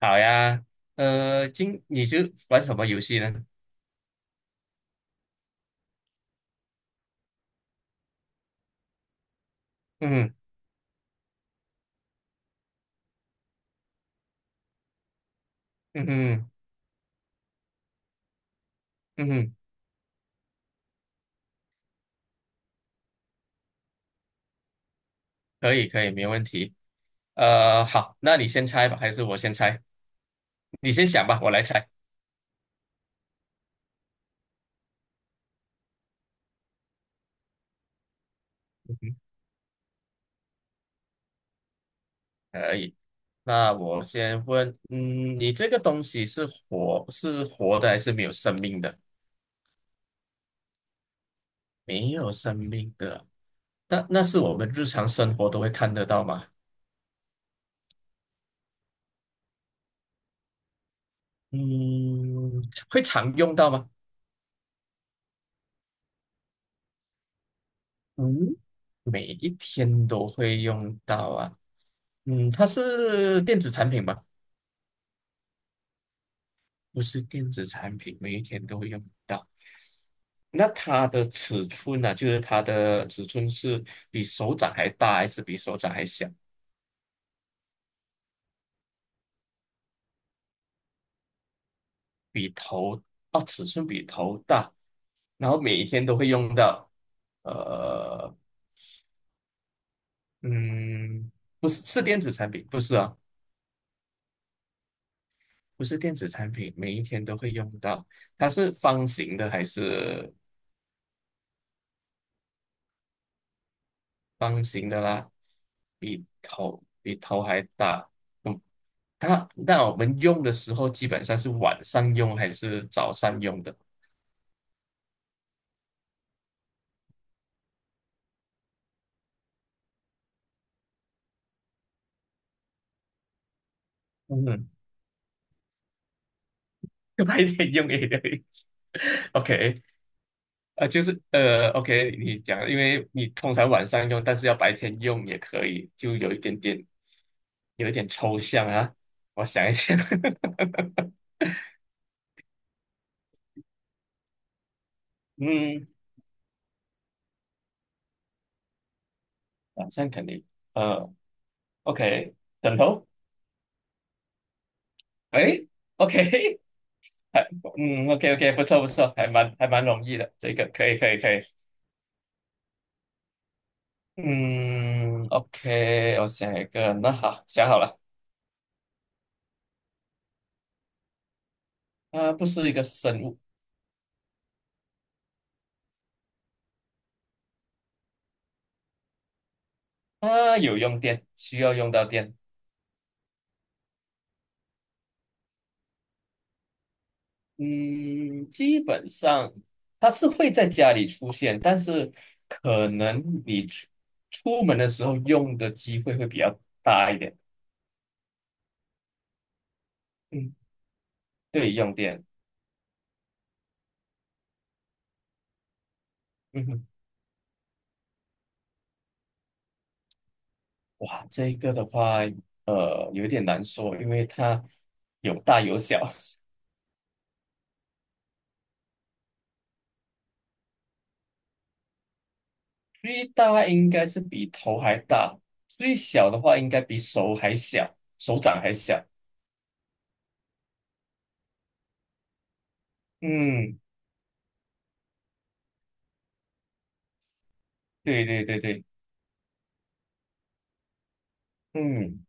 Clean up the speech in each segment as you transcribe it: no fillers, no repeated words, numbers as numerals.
好呀，今你就玩什么游戏呢？嗯嗯嗯，嗯哼，可以可以，没问题。好，那你先猜吧，还是我先猜？你先想吧，我来猜。可以，那我先问，嗯，你这个东西是活的还是没有生命的？没有生命的，那是我们日常生活都会看得到吗？嗯，会常用到吗？嗯。每一天都会用到啊。嗯，它是电子产品吧？不是电子产品，每一天都会用到。那它的尺寸呢、就是它的尺寸是比手掌还大，还是比手掌还小？比头，哦，尺寸比头大，然后每一天都会用到。呃，嗯，不是，是电子产品，不是啊，不是电子产品，每一天都会用到。它是方形的还是？方形的啦，比头还大。嗯，它那我们用的时候基本上是晚上用还是早上用的？嗯，白天用也可以。OK，OK，你讲，因为你通常晚上用，但是要白天用也可以，就有一点点，有一点抽象啊。我想一想，嗯，晚上肯定，呃，OK，枕头，哎，OK，还嗯，OK OK，不错不错，还蛮容易的，这个可以可以可以。嗯，OK，我想一个，那好，想好了，啊，不是一个生物，它有用电，需要用到电。嗯，基本上它是会在家里出现，但是可能你出门的时候用的机会会比较大一点。嗯，对，用电。嗯哼，哇，这个的话，呃，有点难说，因为它有大有小。最大应该是比头还大，最小的话应该比手还小，手掌还小。嗯，对对对对，嗯，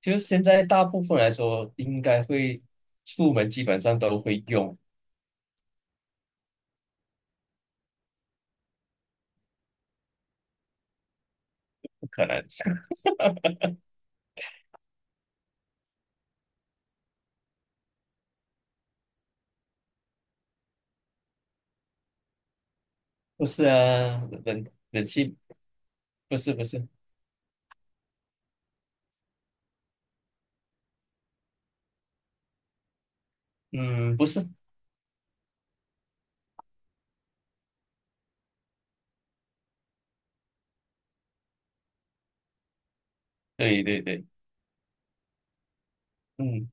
就是现在大部分来说，应该会出门基本上都会用，不可能。不是啊，冷气不是不是，嗯，不是，对对对，嗯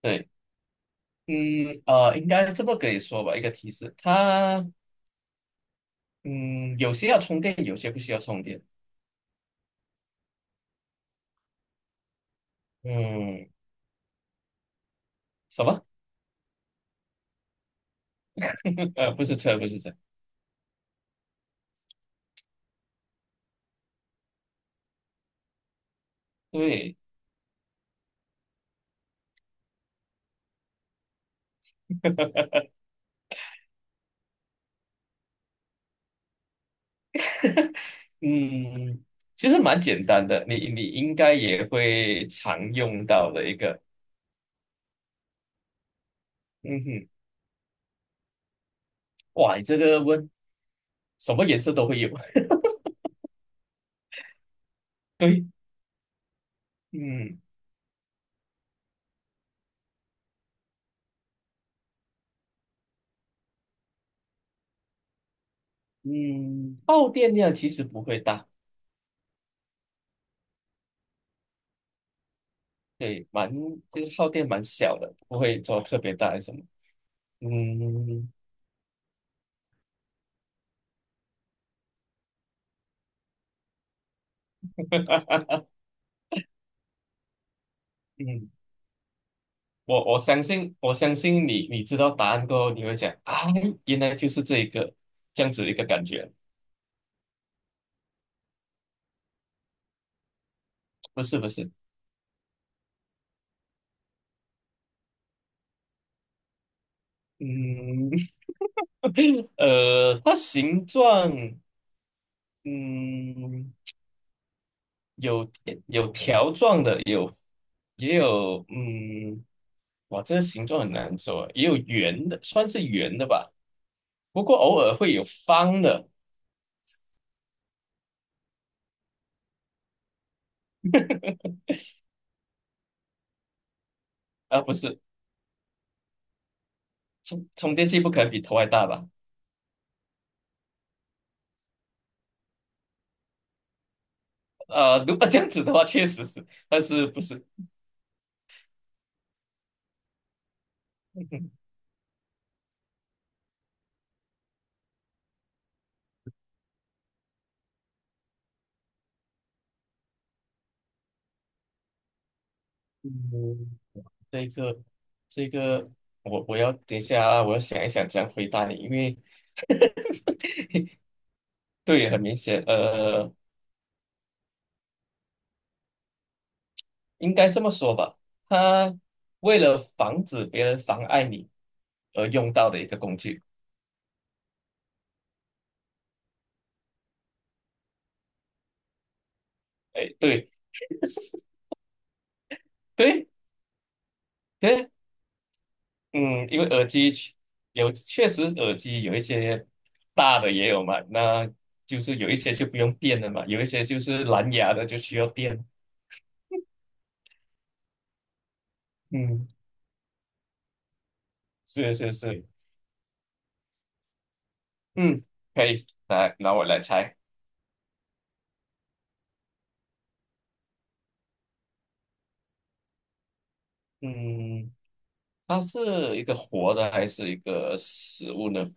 对，应该这么跟你说吧，一个提示，它嗯有些要充电，有些不需要充电，嗯，什么？不是车，不是车。对，嗯，其实蛮简单的，你应该也会常用到的一个，嗯哼，哇，你这个问什么颜色都会有，对，嗯嗯，耗电量其实不会大，对，蛮就是耗电蛮小的，不会做特别大还是什么，嗯嗯，我相信你知道答案过后，你会讲啊，原来就是这一个这样子一个感觉，不是不是，嗯。它形状，嗯，有有条状的，有也有，嗯，哇，这个形状很难说啊，也有圆的，算是圆的吧。不过偶尔会有方的，啊，不是，充电器不可能比头还大吧？呃，如果这样子的话，确实是，但是不是？嗯，这个这个，我要等一下啊，我要想一想怎样回答你，因为对，很明显，呃。应该这么说吧，它为了防止别人妨碍你而用到的一个工具。哎，对对对，嗯，因为耳机确有确实耳机有一些大的也有嘛，那就是有一些就不用电的嘛，有一些就是蓝牙的就需要电。嗯，是是是，嗯，可以，来，拿我来猜，嗯，它是一个活的还是一个死物呢？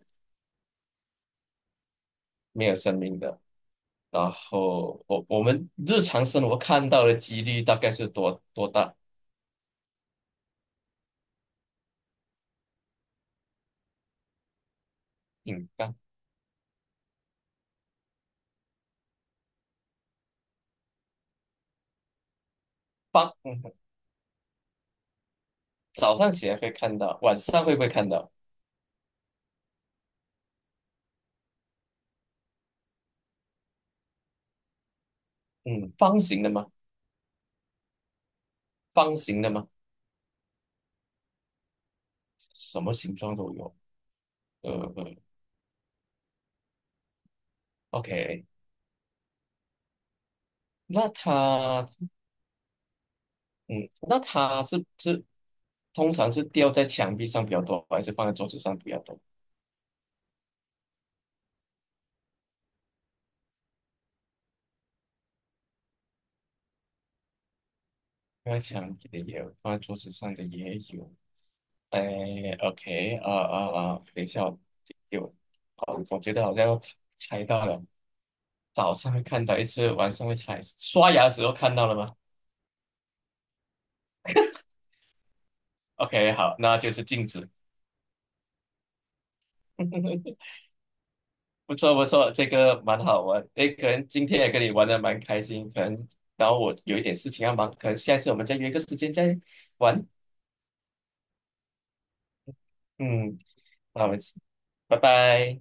没有生命的。然后我们日常生活看到的几率大概是多多大？嗯，刚嗯，早上起来会看到，晚上会不会看到？嗯，方形的吗？方形的吗？什么形状都有。呃呃，OK，那它，嗯，那它是通常是吊在墙壁上比较多，还是放在桌子上比较多？放在墙壁的也有，放在桌子上的也有。哎，OK，啊啊啊，等一下，有，哦，我觉得好像要猜到了，早上会看到一次，晚上会猜，刷牙的时候看到了吗？OK，好，那就是镜子，不错不错，这个蛮好玩，哎，可能今天也跟你玩的蛮开心，可能，然后我有一点事情要忙，可能下一次我们再约个时间再玩，嗯，那我们，拜拜。